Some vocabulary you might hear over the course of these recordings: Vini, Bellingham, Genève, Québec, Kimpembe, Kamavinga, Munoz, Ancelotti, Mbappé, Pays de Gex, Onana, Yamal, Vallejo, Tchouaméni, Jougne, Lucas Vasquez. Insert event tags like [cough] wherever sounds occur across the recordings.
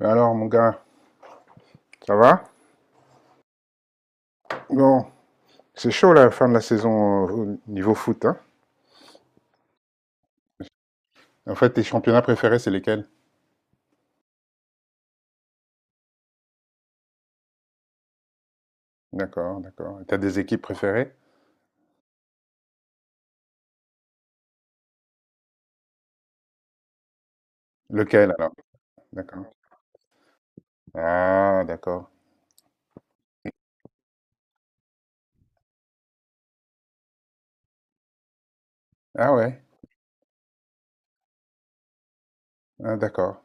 Alors, mon gars, ça va? Bon, c'est chaud la fin de la saison, au niveau foot, hein? En fait, tes championnats préférés, c'est lesquels? D'accord, d'accord. Et t'as des équipes préférées? Lequel alors? D'accord. Ah, d'accord. Ah ouais, ah, d'accord.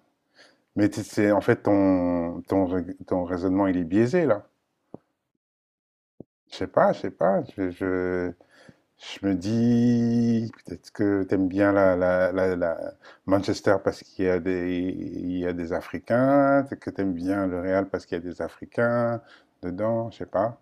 Mais c'est en fait ton, ton, ton raisonnement, il est biaisé là. Je sais pas, je sais pas. Je me dis, peut-être que t'aimes bien Manchester parce qu'il y a des, il y a des Africains, que t'aimes bien le Real parce qu'il y a des Africains dedans, je sais pas.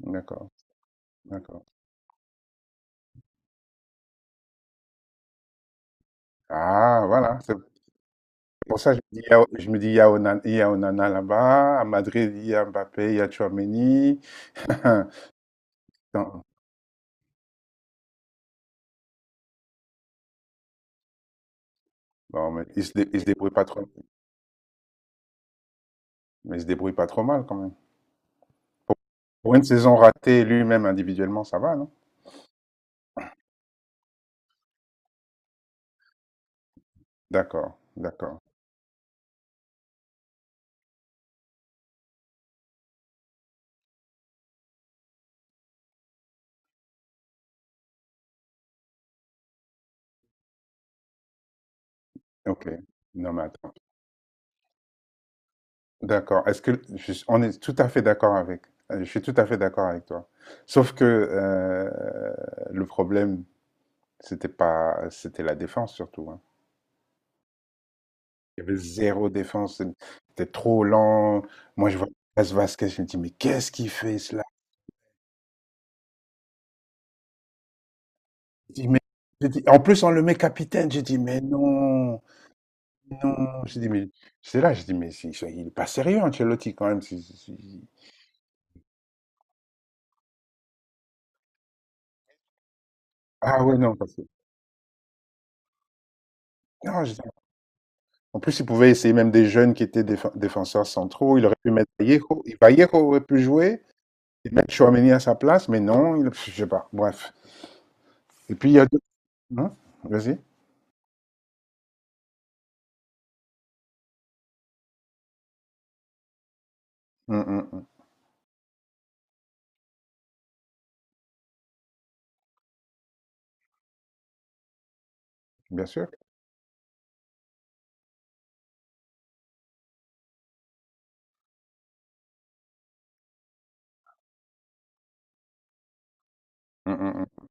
D'accord, d'accord. Ah, voilà, c'est pour ça que je me dis, il y a, je me dis, il y a Onana, il y a Onana là-bas, à Madrid, il y a Mbappé, il y a Tchouaméni. [laughs] Non, bon mais il se débrouille pas trop, mais il se débrouille pas trop mal quand même. Pour une saison ratée lui-même individuellement, ça va, non? D'accord, d'accord. OK. Non, mais attends. D'accord. Est-ce que je suis- On est tout à fait d'accord avec. Je suis tout à fait d'accord avec toi. Sauf que le problème, c'était pas, c'était la défense surtout, hein. Il y avait zéro défense. C'était trop lent. Moi, je vois Lucas Vasquez, je me dis, mais qu'est-ce qu'il fait cela? Je dis, mais- je dis- En plus, on le met capitaine. Je dis mais non, non. Je dis mais c'est là, je dis mais il est pas sérieux, Ancelotti, quand même. C'est- Ah ouais, non, parce que. Non, en plus, il pouvait essayer même des jeunes qui étaient défenseurs centraux. Il aurait pu mettre Vallejo. Vallejo aurait pu jouer et mettre Chouameni à sa place, mais non, il, je sais pas. Bref. Et puis, il y a deux. Hein? Vas-y. Hum, hum, hum. Bien sûr. Hum, hum, hum.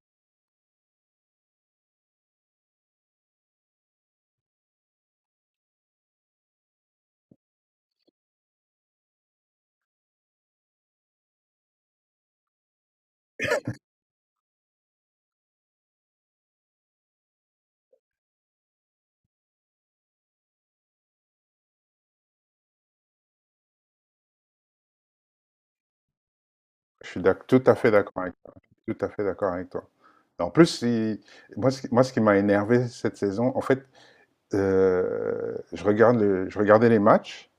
Tout à fait d'accord avec toi. Tout à fait d'accord avec toi. En plus, moi, ce qui m'a énervé cette saison, en fait, je regardais les matchs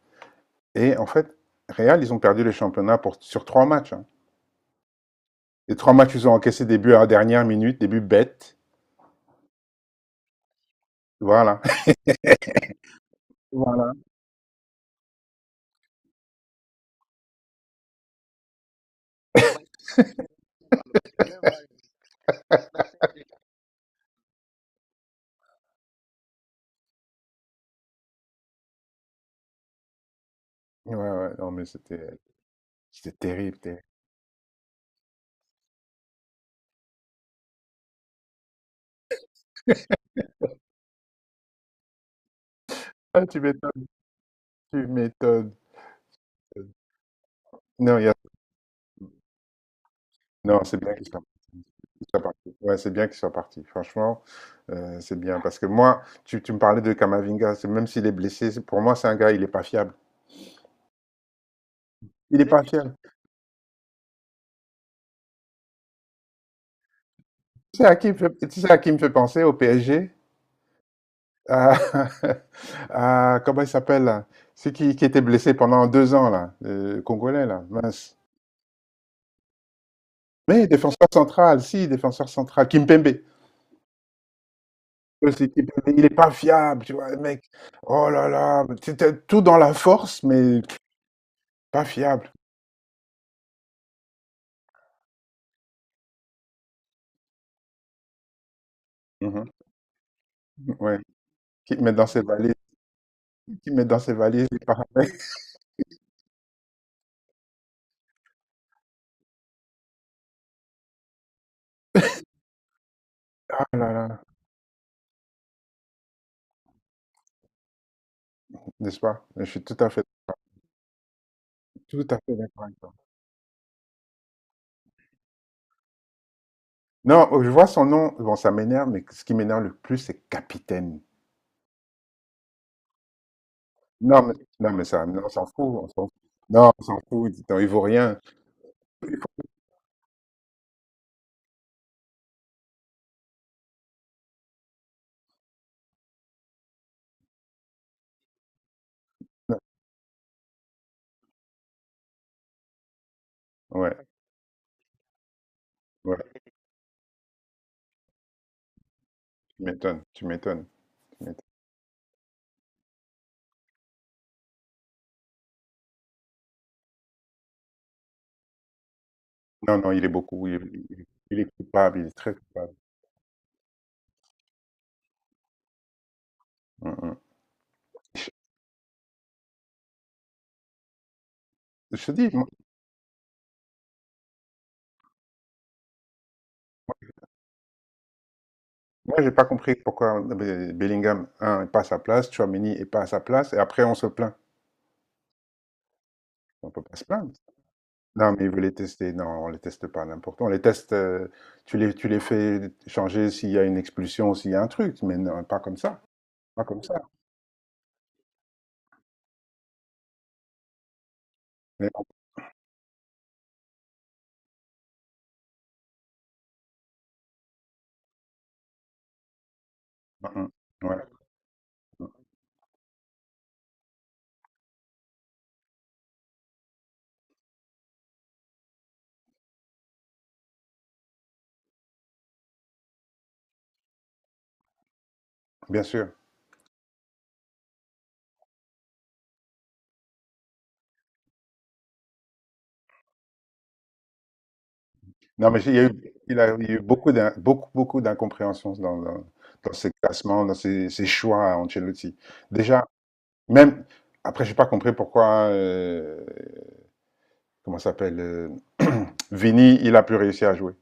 et en fait, Real, ils ont perdu le championnat pour, sur trois matchs, hein. Les trois matchs, ils ont encaissé des buts à la dernière minute, des buts bêtes. Voilà. [laughs] Voilà. Ouais, ouais, non, mais c'était terrible, terrible. Ah, tu m'étonnes, tu m'étonnes. Non, il y a- non, c'est bien qu'il soit parti. Ouais, c'est bien qu'il soit parti. Franchement, c'est bien. Parce que moi, tu me parlais de Kamavinga, même s'il est blessé, pour moi, c'est un gars, il n'est pas fiable. Il n'est pas fiable. Tu sais à qui me fait penser au PSG? À, [laughs] à- comment il s'appelle là? Celui qui était blessé pendant 2 ans, là, le Congolais, là, mince. Mais défenseur central, si, défenseur central, Kimpembe. Ouais, c'est Il est pas fiable, tu vois, le mec. Oh là là, c'était tout dans la force, mais pas fiable. Mhm, ouais. Qui te met dans ses valises, qui te met dans ses valises, il part avec. Ah là là, n'est-ce pas? Je suis tout à fait d'accord avec toi. Non, je vois son nom, bon, ça m'énerve, mais ce qui m'énerve le plus, c'est capitaine. Non, non, mais ça, non, on s'en fout, on s'en fout. Non, on s'en fout, dis donc, il vaut rien. Non, ouais, ouais, tu m'étonnes, tu m'étonnes, tu m'étonnes. Non, non, il est coupable, il est très coupable. Mhm. Je te dis, moi, j'ai pas compris pourquoi Bellingham, un, n'est pas à sa place, Tchouaméni est pas à sa place, et après, on se plaint. On peut pas se plaindre. Non, mais il veut les tester. Non, on les teste pas n'importe quoi. On les teste, tu les fais changer s'il y a une expulsion, s'il y a un truc, mais non, pas comme ça. Pas comme ça. Mais non. Mm, mm. Ouais, bien sûr. Non, mais il y a eu, il a eu beaucoup, beaucoup d'incompréhensions dans ses classements, dans ses, ses choix à Ancelotti. Déjà, même après, j'ai pas compris pourquoi, comment ça s'appelle, [clears throat] Vini, il a plus réussi à jouer.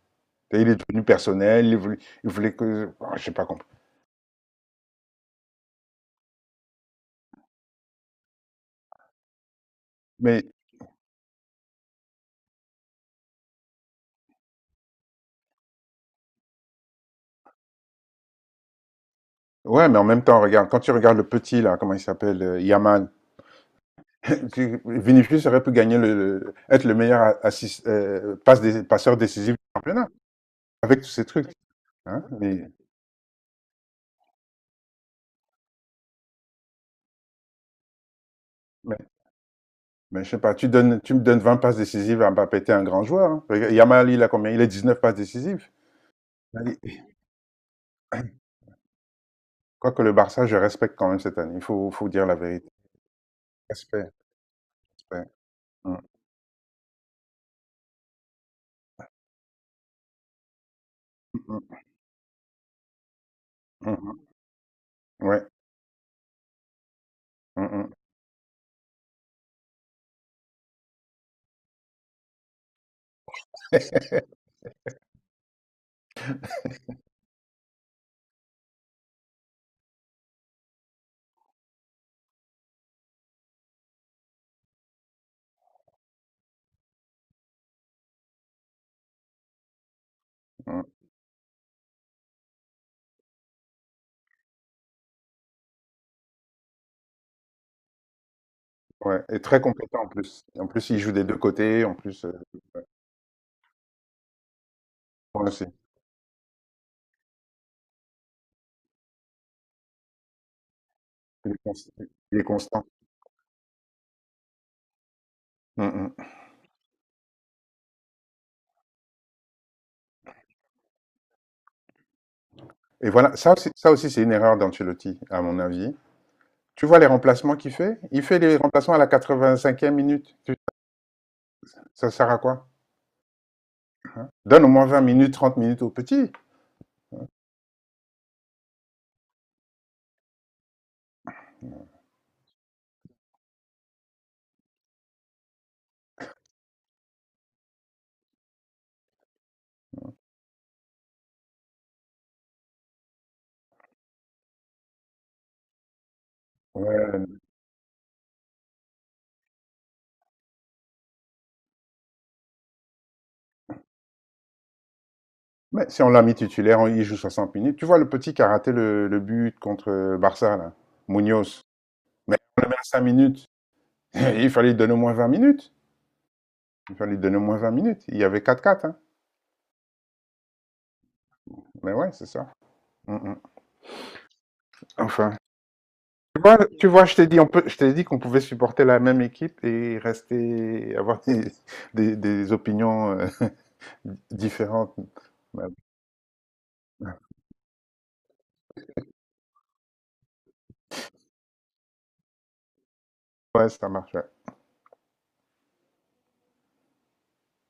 Et il est devenu personnel, il voulait que, je j'ai pas compris. Mais ouais, mais en même temps, regarde, quand tu regardes le petit là, comment il s'appelle, Yamal, [laughs] Vinicius aurait pu gagner être le meilleur passe des, passeur décisif du championnat avec tous ces trucs. Hein? Mais, mais je sais pas, tu me donnes 20 passes décisives à Mbappé, t'es un grand joueur, hein. Regarde, Yamal, il a combien? Il a 19 passes décisives. Il- [clears throat] Quoique le Barça, je respecte quand même cette année. Faut dire la vérité. Respect, respect. Mm, mm, mm, mm. Ouais. Mm, mm. [laughs] Mm, ouais. Et très compétent en plus. En plus, il joue des deux côtés. En plus, voilà, il est constant. Il est constant. Mm, mm. Et voilà, ça aussi c'est une erreur d'Ancelotti, à mon avis. Tu vois les remplacements qu'il fait? Il fait les remplacements à la 85e minute. Ça sert à quoi? Donne au moins 20 minutes, 30 minutes au petit. Ouais. Mais si on l'a mis titulaire, il joue 60 minutes. Tu vois le petit qui a raté le but contre Barça, là, Munoz. Mais on le met à 5 minutes. [laughs] Il fallait lui donner au moins 20 minutes. Il fallait lui donner au moins 20 minutes. Il y avait 4-4, hein. Mais ouais, c'est ça. Mm, mm. Enfin. Tu vois, je t'ai dit, on peut, je t'ai dit qu'on pouvait supporter la même équipe et rester, avoir des, des opinions [laughs] différentes. Ouais, ça marche, ouais.